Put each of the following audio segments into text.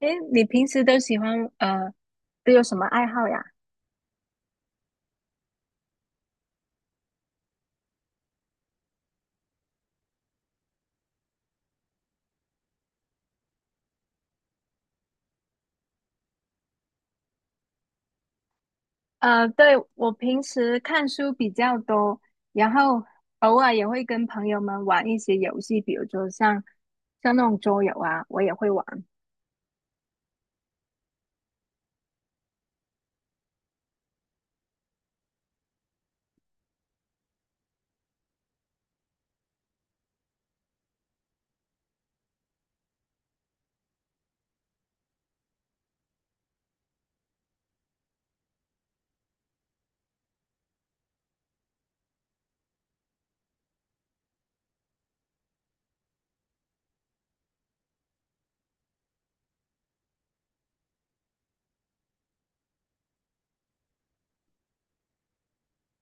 诶，你平时都喜欢都有什么爱好呀？对，我平时看书比较多，然后偶尔也会跟朋友们玩一些游戏，比如说像那种桌游啊，我也会玩。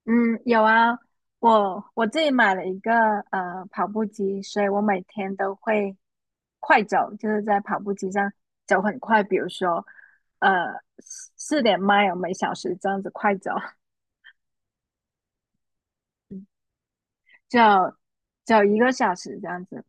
嗯，有啊，我自己买了一个跑步机，所以我每天都会快走，就是在跑步机上走很快，比如说呃四点 mile 每小时这样子快走。就走一个小时这样子。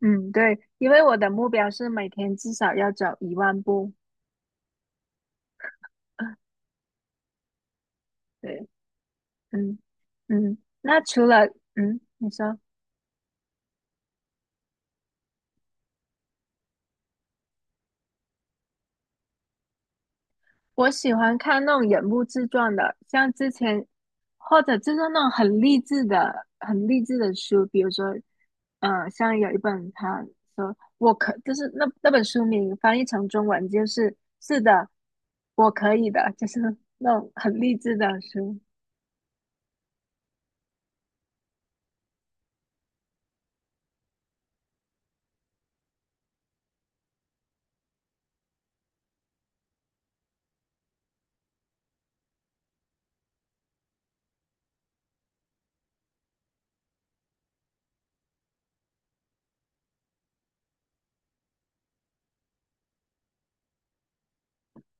嗯，对，因为我的目标是每天至少要走1万步。对，嗯嗯，那除了嗯，你说，我喜欢看那种人物自传的，像之前或者就是那种很励志的、很励志的书，比如说，像有一本他说我可就是那本书名翻译成中文就是是的，我可以的，就是那种很励志的书。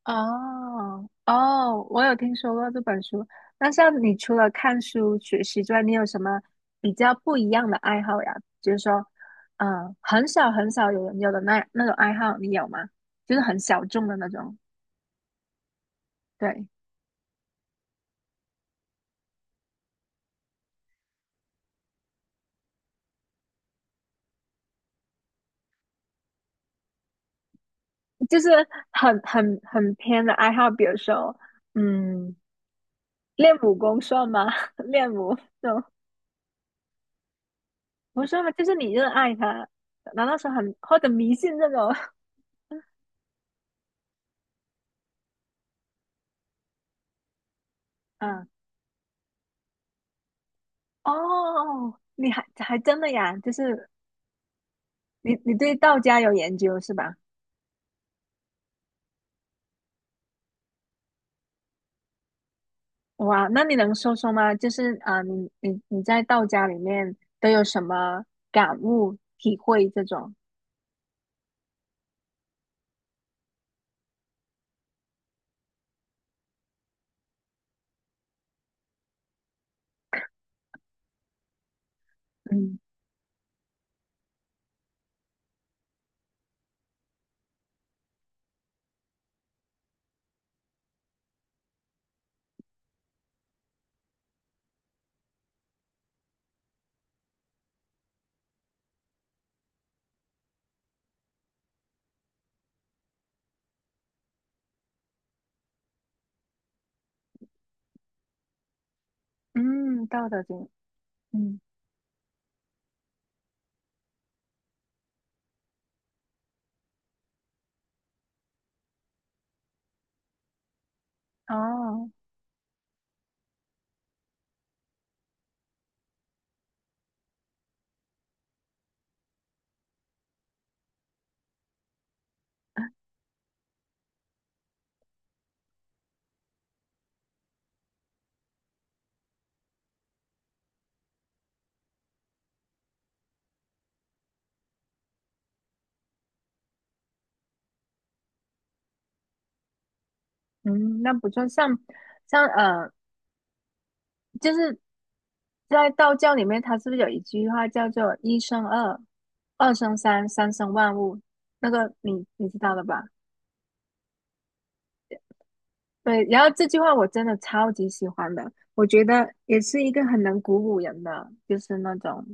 哦哦，我有听说过这本书。那像你除了看书学习之外，你有什么比较不一样的爱好呀？就是说，很少很少有人有的那种爱好，你有吗？就是很小众的那种，对，就是很很很偏的爱好，比如说，嗯，练武功算吗？练武这种不是吗？就是你热爱它，难道说很或者迷信这种？嗯，哦，你还还真的呀？就是你对道家有研究是吧？哇，那你能说说吗？就是啊、呃你在道家里面都有什么感悟、体会这种？嗯嗯，道德经，嗯哦，嗯，那不错。像就是在道教里面，它是不是有一句话叫做“一生二，二生三，三生万物”？那个你你知道的吧？对，然后这句话我真的超级喜欢的，我觉得也是一个很能鼓舞人的，就是那种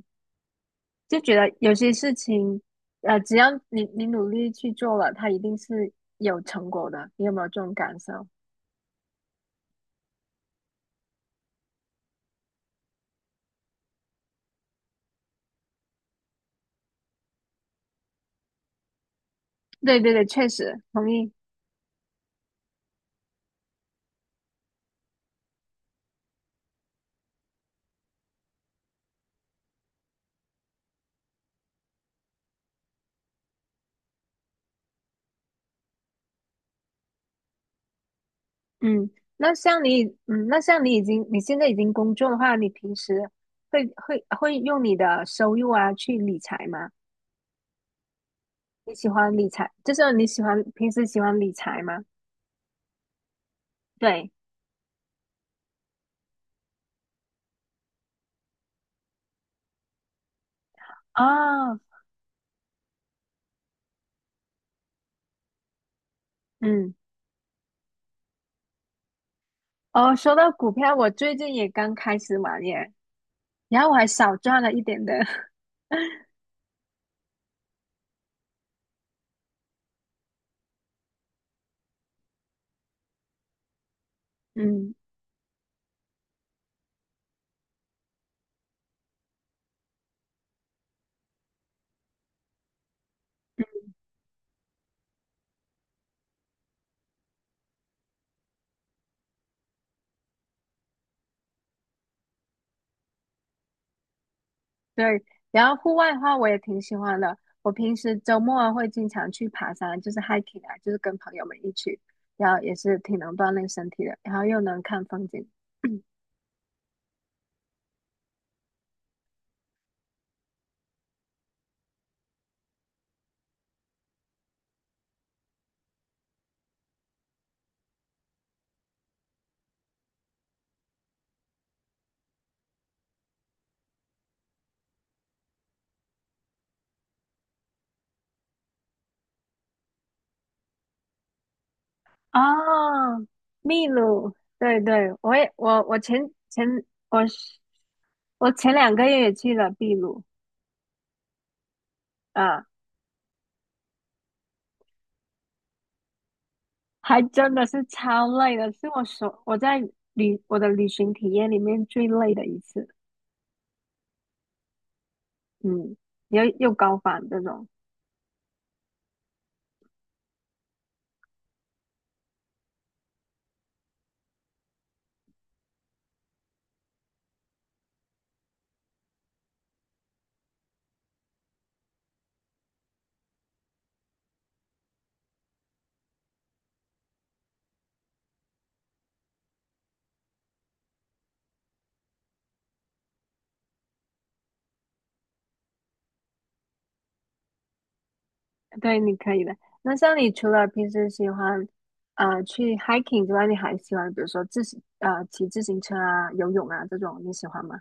就觉得有些事情，只要你努力去做了，它一定是有成果的。你有没有这种感受？对对对，确实同意。嗯，那像你，嗯，那像你已经你现在已经工作的话，你平时会用你的收入啊去理财吗？你喜欢理财，就是你喜欢平时喜欢理财吗？对，哦，嗯。哦，说到股票，我最近也刚开始玩耶，然后我还少赚了一点的，嗯，对。然后户外的话，我也挺喜欢的。我平时周末啊会经常去爬山，就是 hiking 啊，就是跟朋友们一起，然后也是挺能锻炼身体的，然后又能看风景。哦，秘鲁，对对，我也我我前前我是我前2个月也去了秘鲁，啊。还真的是超累的，是我所我在旅我的旅行体验里面最累的一次。嗯，又高反这种，对，你可以的。那像你除了平时喜欢去 hiking 之外，你还喜欢比如说骑自行车啊、游泳啊这种，你喜欢吗？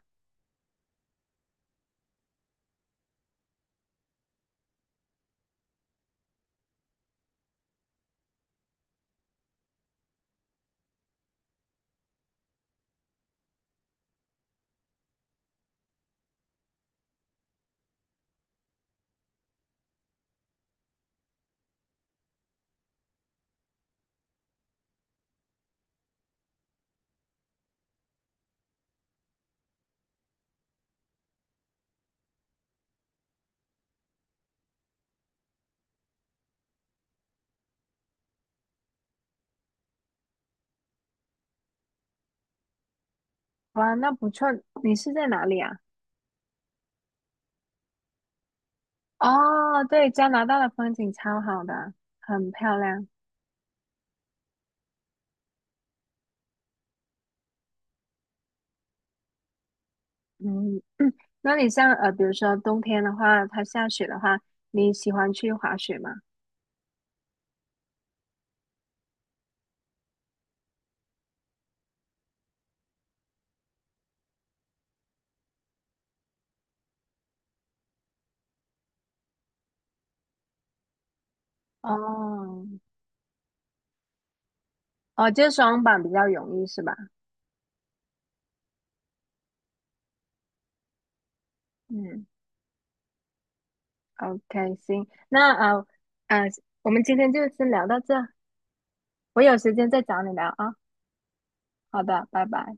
哇，那不错。你是在哪里啊？哦，对，加拿大的风景超好的，很漂亮。嗯，那你像呃，比如说冬天的话，它下雪的话，你喜欢去滑雪吗？哦，哦，就是双板比较容易是吧？嗯，OK，行，那呃，我们今天就先聊到这，我有时间再找你聊啊。好的，拜拜。